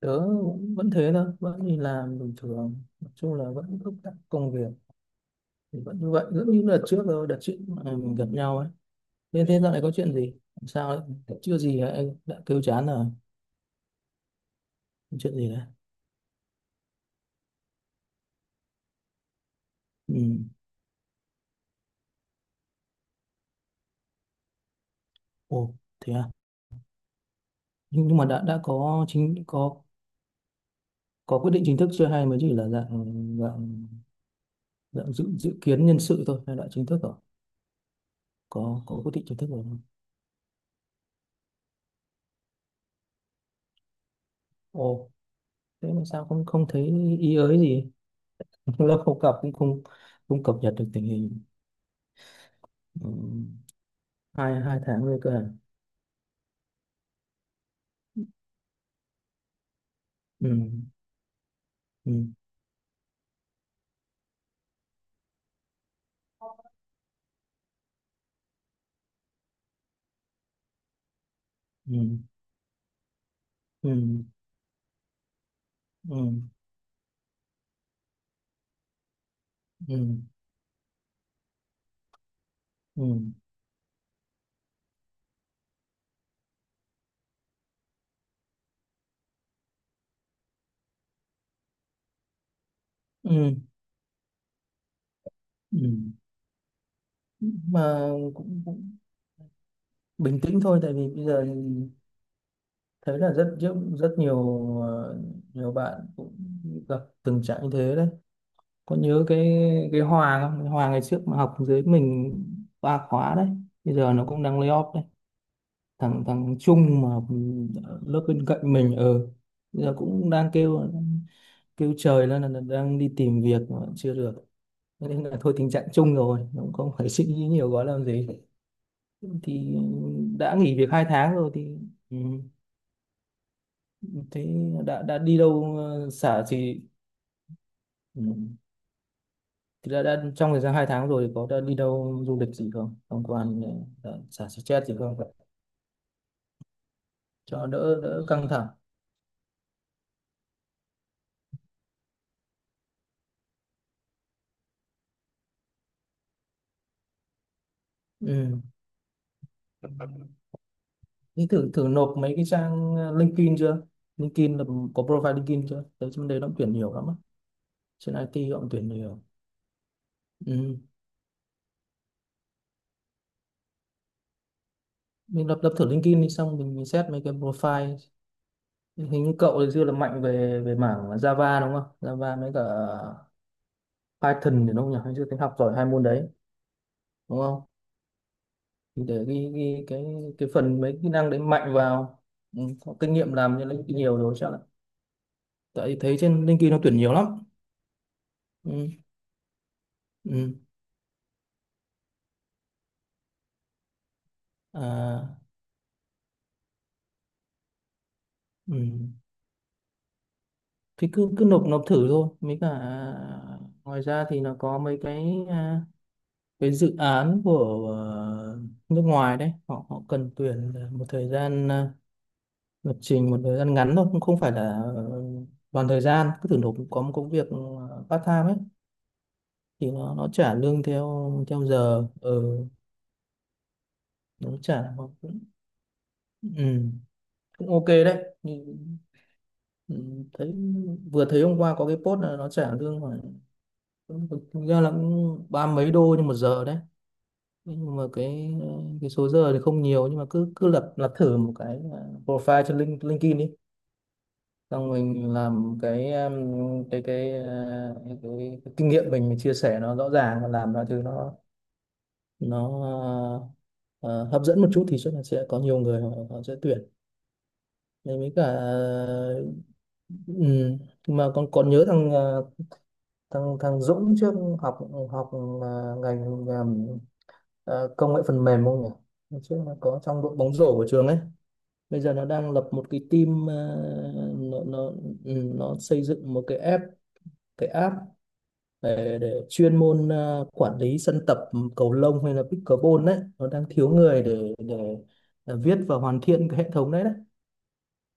Tớ vẫn thế thôi, vẫn đi làm bình thường, nói chung là vẫn thúc đẩy công việc thì vẫn như vậy, rất như đợt trước, rồi đợt trước mà mình gặp nhau ấy. Thế thế dạo này có chuyện gì, làm sao đấy, chưa gì đã kêu chán rồi? Chuyện gì đấy? Ừ. Ồ thế à? Nhưng mà đã có chính có quyết định chính thức chưa, hay mới chỉ là dạng dạng dạng dự dự kiến nhân sự thôi, hay đã chính thức rồi? Có quyết định chính thức rồi không? Ồ, thế mà sao không không thấy ý ới gì? Lâu không gặp cũng không không cập nhật được tình hình. Ừ. hai hai tháng rồi cơ à? Ừ. Ừ. Ừ. Ừ. Ừ. Ừ. Ừ. Ừ. Ừ. Mà cũng bình tĩnh thôi, tại vì bây giờ thấy là rất rất rất nhiều, ờ, nhiều bạn cũng gặp tình trạng như thế đấy. Có nhớ cái Hòa không, cái Hòa ngày trước mà học dưới mình 3 khóa đấy, bây giờ nó cũng đang lay off đấy. Thằng thằng Trung mà học lớp bên cạnh mình ở bây giờ cũng đang kêu kêu trời lên là đang đi tìm việc mà chưa được. Thế nên là thôi, tình trạng chung rồi, cũng không phải suy nghĩ nhiều quá làm gì. Thì đã nghỉ việc 2 tháng rồi thì, ừ, thế đã đi đâu xả thì, ừ, thì đã trong thời gian 2 tháng rồi thì có đã đi đâu du lịch gì không, tham quan, xả stress gì không, cho đỡ đỡ căng thẳng? Ừ. Thế thử thử nộp mấy cái trang LinkedIn chưa? LinkedIn là có profile LinkedIn chưa? Đấy, trên đấy nó tuyển nhiều lắm á. Trên IT họ cũng tuyển nhiều. Ừ. Mình lập lập thử LinkedIn đi, xong mình xét mấy cái profile. Hình như cậu thì xưa là mạnh về về mảng Java đúng không, Java với cả Python thì đúng không nhỉ? Hồi xưa tính học giỏi 2 môn đấy đúng không? Thì để ghi cái phần mấy kỹ năng đấy mạnh vào. Ừ, có kinh nghiệm làm cho LinkedIn nhiều rồi chắc là, tại thấy trên LinkedIn nó tuyển nhiều lắm. Ừ. Ừ. à, ừ. Thì cứ cứ nộp nộp thử thôi, mấy cả ngoài ra thì nó có mấy cái, cái dự án của nước ngoài đấy, họ họ cần tuyển một thời gian, lập trình một thời gian ngắn thôi, cũng không phải là toàn thời gian. Cứ thử nộp có một công việc part time ấy, thì nó trả lương theo theo giờ. Ừ, nó trả nó cũng, ừ, cũng ok đấy. Nhưng- ừ, thấy, vừa thấy hôm qua có cái post là nó trả lương khoảng, thực ra là cũng ba mấy đô nhưng một giờ đấy, nhưng mà cái số giờ thì không nhiều. Nhưng mà cứ cứ lập lập thử một cái, profile trên LinkedIn đi, xong mình làm cái cái cái, à, cái kinh nghiệm mình chia sẻ nó rõ ràng và làm mọi thứ nó nó hấp dẫn một chút, thì chắc là sẽ có nhiều người họ sẽ tuyển. Nên với cả, ừ, mà con còn nhớ thằng à, thằng thằng Dũng trước học học à, ngành công nghệ phần mềm không nhỉ? Trước nó có trong đội bóng rổ của trường ấy. Bây giờ nó đang lập một cái team, nó, ừ, nó xây dựng một cái app, cái app để chuyên môn quản lý sân tập cầu lông hay là pickleball đấy. Nó đang thiếu người để viết và hoàn thiện cái hệ thống đấy đấy.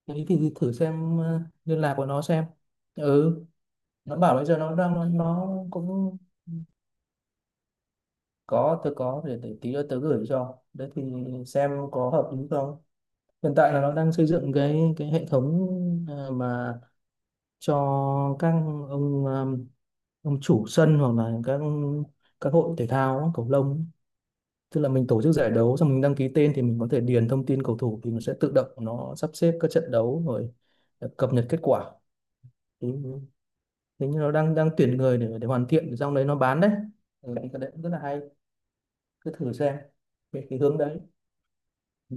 Thế thì thử xem liên lạc của nó xem. Ừ. Nó bảo bây giờ nó đang, nó cũng có, tôi có, để tí nữa tớ gửi cho đấy, thì xem có hợp lý không. Hiện tại là nó đang xây dựng cái hệ thống mà cho các ông, ông chủ sân, hoặc là các hội thể thao á, cầu lông ấy. Tức là mình tổ chức giải đấu, xong mình đăng ký tên thì mình có thể điền thông tin cầu thủ, thì nó sẽ tự động nó sắp xếp các trận đấu, rồi cập nhật kết quả. Thì thế, như nó đang đang tuyển người để hoàn thiện xong đấy nó bán đấy. Ừ, cái đấy cũng rất là hay. Cứ thử xem về cái hướng đấy. Ừ.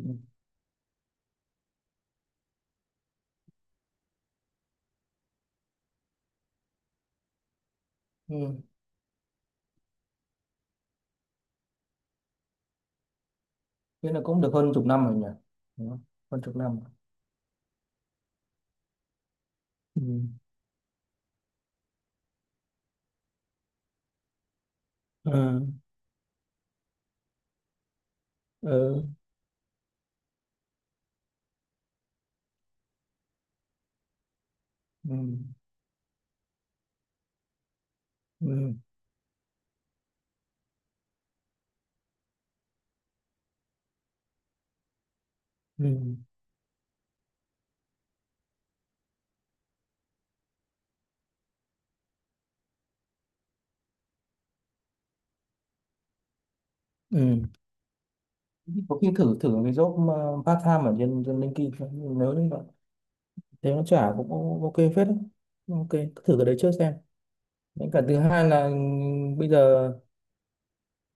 Ừ. Ừ, thế là cũng được hơn 10 năm rồi nhỉ? Đúng không? Hơn chục năm. Ừ. Ờ. Ờ. Ừ. Ừ. Ừ. Ừ. Có khi thử thử cái job mà part time ở trên trên LinkedIn xem, nếu như bạn thấy nó trả cũng ok phết đấy. Ok, cứ thử cái đấy trước xem. Đến cả thứ hai là, bây giờ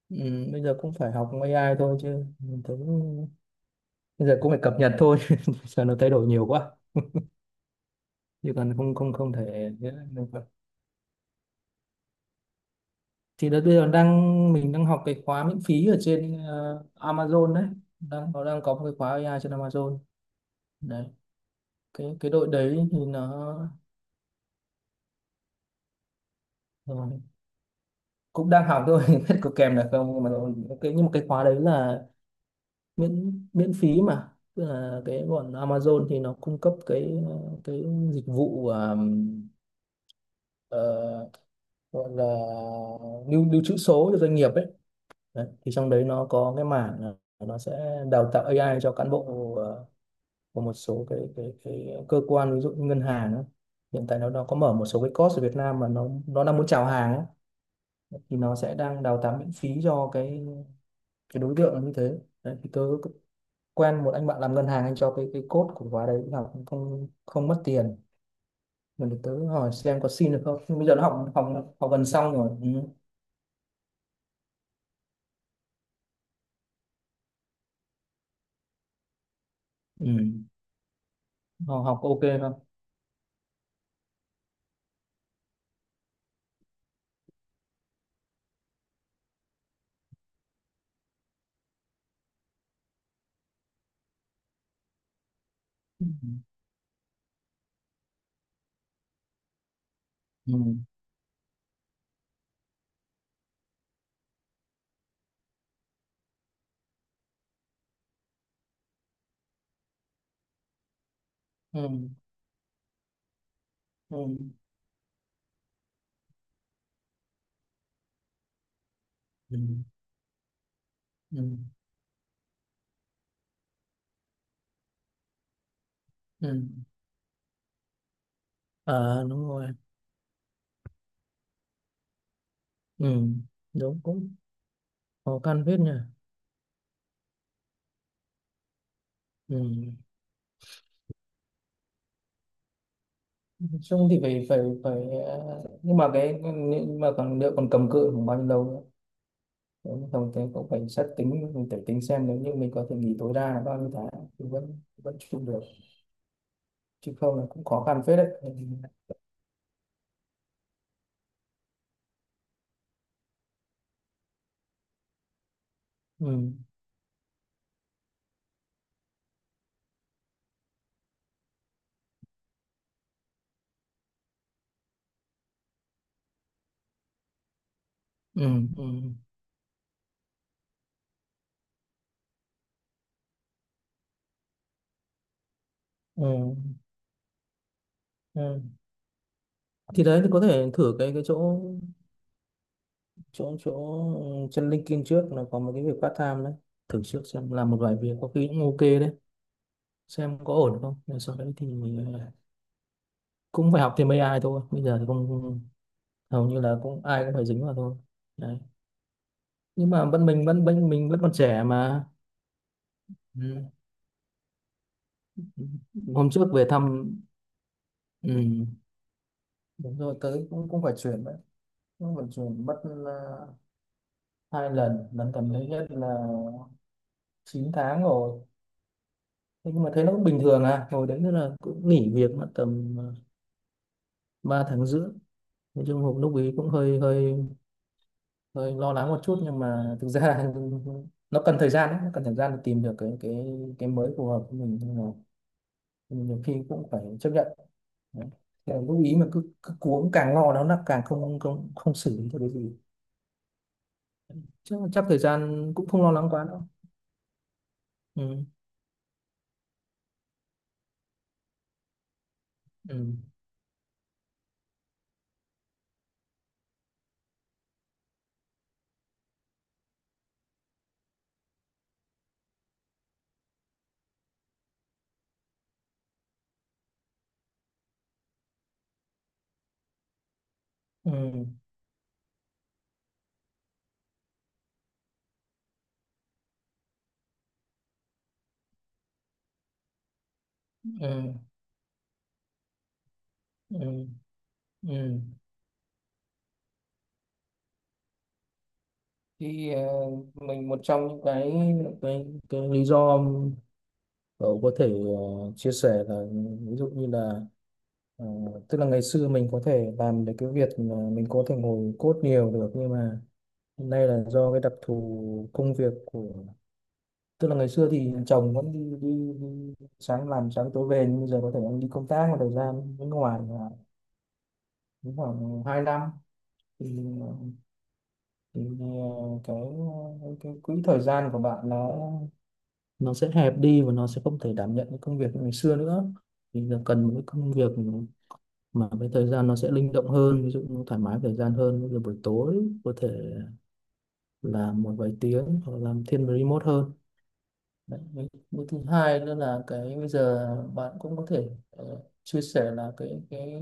bây giờ cũng phải học AI thôi, chứ mình thấy bây giờ cũng phải cập nhật thôi. Giờ nó thay đổi nhiều quá, chứ còn không không không thể, mình phải- thì đợt bây giờ đang, mình đang học cái khóa miễn phí ở trên Amazon đấy. Đang, nó đang có một cái khóa AI trên Amazon đấy. Cái đội đấy thì nó cũng đang học thôi biết có kèm được không, nhưng mà nó- cái nhưng mà cái khóa đấy là miễn miễn phí mà. Tức là cái bọn Amazon thì nó cung cấp cái dịch vụ, ờ, gọi là lưu lưu trữ số cho doanh nghiệp ấy đấy. Thì trong đấy nó có cái mảng là nó sẽ đào tạo AI cho cán bộ của một số cái cơ quan ví dụ như ngân hàng ấy. Hiện tại nó có mở một số cái course ở Việt Nam mà nó đang muốn chào hàng ấy. Thì nó sẽ đang đào tạo miễn phí cho cái đối tượng nó như thế đấy. Thì tớ quen một anh bạn làm ngân hàng, anh cho cái code của khóa đấy học cũng không không mất tiền. Tớ hỏi xem có xin được không, nhưng bây giờ nó học học học gần xong rồi. Ừ. Ừ. Học, học ok không? Ừ. Ừ. Ừ. Ừ. Ừ. Ừ. Ừ. À đúng rồi. Ừ. Đúng, cũng khó khăn phết nhỉ. Ừ. Nói chung thì phải phải phải, nhưng mà nhưng mà còn liệu còn cầm cự khoảng bao nhiêu lâu nữa? Nếu như không thế cũng phải xét tính, mình phải tính xem nếu như mình có thể nghỉ tối đa là bao nhiêu tháng thì vẫn vẫn trụ được, chứ không là cũng khó khăn phết đấy. Ừ. Ừ. Ừ. Ừ. Ừ. Thì đấy, thì có thể thử cái chỗ chỗ chỗ chân LinkedIn trước, là có một cái việc part time đấy, thử trước xem, làm một vài việc có khi cũng ok đấy, xem có ổn không, rồi sau đấy thì, ờ, cũng phải học thêm AI thôi. Bây giờ thì không, hầu như là cũng ai cũng phải dính vào thôi đấy. Nhưng mà vẫn, mình vẫn còn trẻ mà. Ừ. Hôm trước về thăm. Ừ. Đúng rồi, tới cũng cũng phải chuyển đấy. Cũng phải chuyển mất 2 lần, lần gần đấy nhất là 9 tháng rồi. Thế nhưng mà thấy nó cũng bình thường à, hồi đấy nữa là cũng nghỉ việc mất tầm 3,5 tháng. Nói chung hộp lúc ấy cũng hơi hơi hơi lo lắng một chút, nhưng mà thực ra nó cần thời gian đấy, nó cần thời gian để tìm được cái cái mới phù hợp với mình, nhưng mà nhiều khi cũng phải chấp nhận. Đấy. Thế là lúc ý mà cứ cuống càng lo nó là càng không không không xử lý được cái gì. Chắc thời gian cũng không lo lắng quá đâu. Ừ ừ ừ ừ ừ ừ Thì mình một trong những cái cái lý do cậu có thể chia sẻ là ví dụ như là, ờ, tức là ngày xưa mình có thể làm được cái việc mà mình có thể ngồi code nhiều được, nhưng mà hiện nay là do cái đặc thù công việc của, tức là ngày xưa thì chồng vẫn đi sáng làm sáng tối về, nhưng bây giờ có thể anh đi công tác một thời gian bên ngoài là cũng khoảng 2 năm. thì, thì cái quỹ thời gian của bạn nó sẽ hẹp đi và nó sẽ không thể đảm nhận cái công việc như ngày xưa nữa. Thì giờ cần một cái công việc mà cái thời gian nó sẽ linh động hơn, ví dụ như thoải mái thời gian hơn, như buổi tối có thể làm một vài tiếng hoặc làm thiên về remote hơn. Đấy. Với thứ hai nữa là cái bây giờ bạn cũng có thể chia sẻ là cái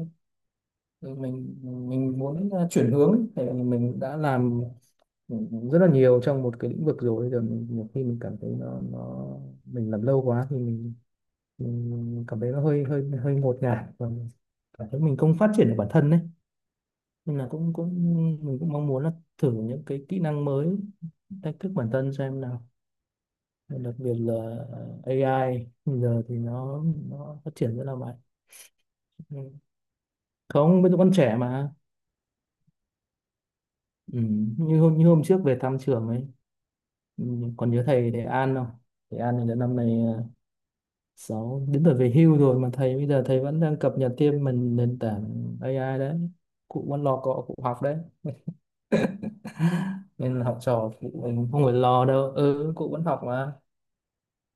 cái mình muốn chuyển hướng ấy. Thì mình đã làm, ừ, rất là nhiều trong một cái lĩnh vực rồi. Bây giờ mình, nhiều khi mình cảm thấy nó mình làm lâu quá thì mình cảm thấy nó hơi hơi hơi ngột ngạt và mình cảm thấy mình không phát triển được bản thân đấy. Nên là cũng cũng mình cũng mong muốn là thử những cái kỹ năng mới, thách thức bản thân xem nào. Và đặc biệt là AI bây giờ thì nó phát triển rất là mạnh. Ừ. Không bây giờ con trẻ mà. Ừ. Như hôm trước về thăm trường ấy. Ừ. Còn nhớ thầy thầy An không? Thầy An thì đến năm nay à, sáu đến tuổi về hưu rồi mà thầy, bây giờ thầy vẫn đang cập nhật thêm mình nền tảng AI đấy. Cụ vẫn lo cọ cụ học đấy. Nên là học trò cụ mình không phải lo đâu, ừ cụ vẫn học mà.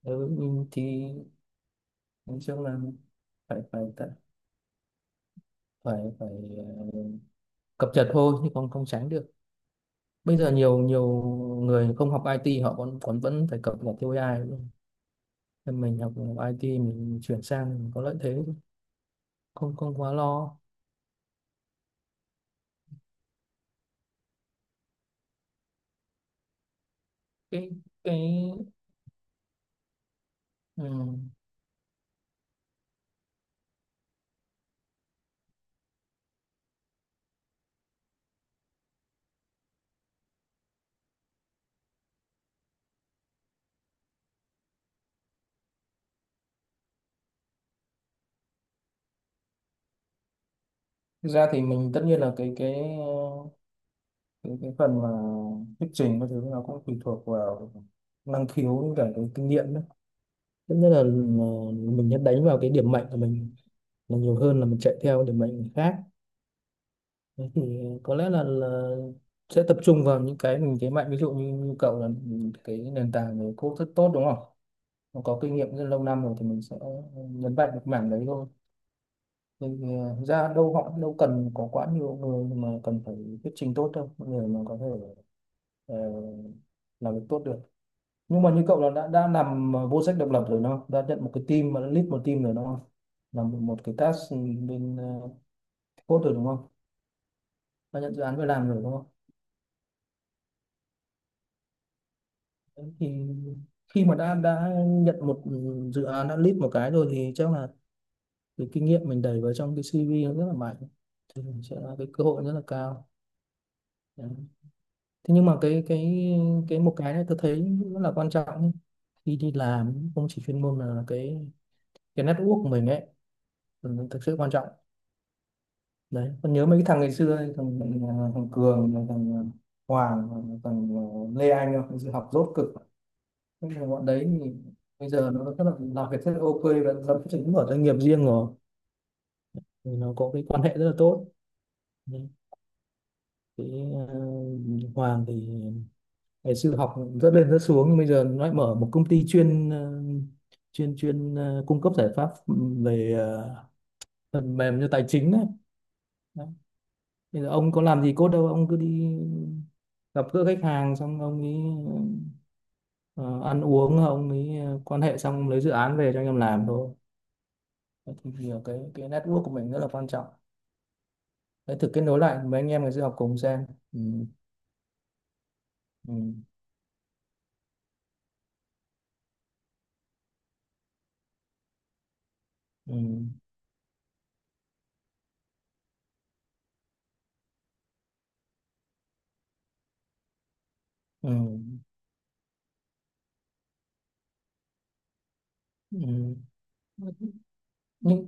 Ừ nhưng thì nói chung là phải phải ờ, cập nhật thôi, chứ không không tránh được. Bây giờ nhiều nhiều người không học IT họ còn còn vẫn phải cập nhật theo AI luôn. Nên mình học IT mình chuyển sang mình có lợi thế, không không quá lo. Cái cái ừ. Thực ra thì mình tất nhiên là cái ờ, cái phần mà thuyết trình các thứ nó cũng tùy thuộc vào năng khiếu với cả cái kinh nghiệm đấy. Tất nhiên là, mình sẽ đánh vào cái điểm mạnh của mình là nhiều hơn là mình chạy theo điểm mạnh người khác. Thế thì có lẽ là sẽ tập trung vào những cái mình thế mạnh, ví dụ như cậu là cái nền tảng về code rất tốt đúng không? Nó có kinh nghiệm rất lâu năm rồi thì mình sẽ nhấn mạnh được mảng đấy thôi. Thì, ra đâu họ đâu cần có quá nhiều người mà cần phải thuyết trình tốt đâu, người mà có thể ờ, làm việc tốt được. Nhưng mà như cậu là đã làm vô sách độc lập rồi đúng không, đã nhận một cái team mà đã lead một team rồi đúng không, làm một cái task bên code rồi đúng không, đã nhận dự án về làm rồi đúng không? Đấy, thì khi mà đã nhận một dự án đã lead một cái rồi thì chắc là cái kinh nghiệm mình đẩy vào trong cái CV nó rất là mạnh, sẽ là cái cơ hội rất là cao. Đấy. Thế nhưng mà cái cái một cái này tôi thấy rất là quan trọng ấy. Khi đi làm không chỉ chuyên môn mà cái network của mình ấy, ừ, thực sự quan trọng đấy. Còn nhớ mấy cái thằng ngày xưa ấy, thằng, thằng, Cường, thằng Hoàng, thằng Lê Anh không? Thực sự học dốt cực. Thế nhưng mà bọn đấy thì bây giờ nó rất là, làm việc rất là ok và lập trình mở doanh nghiệp riêng rồi, thì nó có cái quan hệ rất là tốt đấy. Cái Hoàng thì ngày xưa học rất lên rất xuống, nhưng bây giờ nó lại mở một công ty chuyên chuyên chuyên cung cấp giải pháp về phần mềm cho tài chính đấy. Đấy. Bây giờ ông có làm gì cốt đâu, ông cứ đi gặp gỡ khách hàng, xong ông ấy ờ, ăn uống, ông ấy quan hệ, xong ông lấy dự án về cho anh em làm thôi. Đấy, thì nhiều cái network của mình rất là quan trọng đấy. Thử kết nối lại mấy anh em ngày xưa học cùng xem. Ừ, ừ, ừ, ừ, ừ. Nhưng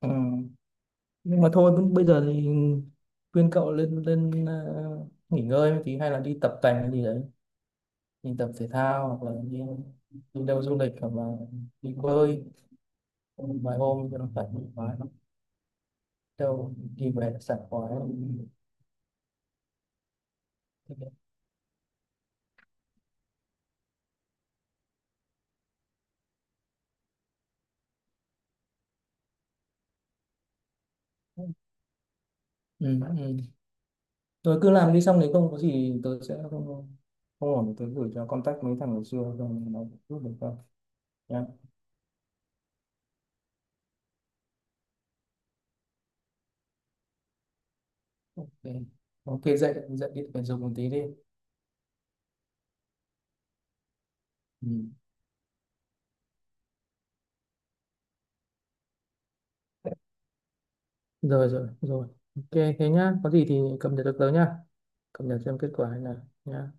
ừ. Nhưng mà thôi bây giờ thì khuyên cậu lên lên nghỉ ngơi một tí hay là đi tập tành hay gì đấy, đi tập thể thao hoặc là đi đi đâu du lịch hoặc là đi bơi vài hôm cho nó thoải mái. Đâu đi về là sảng khoái. Ừ. Rồi cứ làm đi, xong nếu không có gì tớ sẽ không, không ổn tớ gửi cho contact mấy thằng ngày xưa rồi nó giúp được không nhá. Ok. Ok dậy dậy đi phải dùng một tí đi. Ừ. rồi rồi rồi. Ok thế nhá, có gì thì cập nhật được tới nhá, cập nhật xem kết quả thế nào nhá.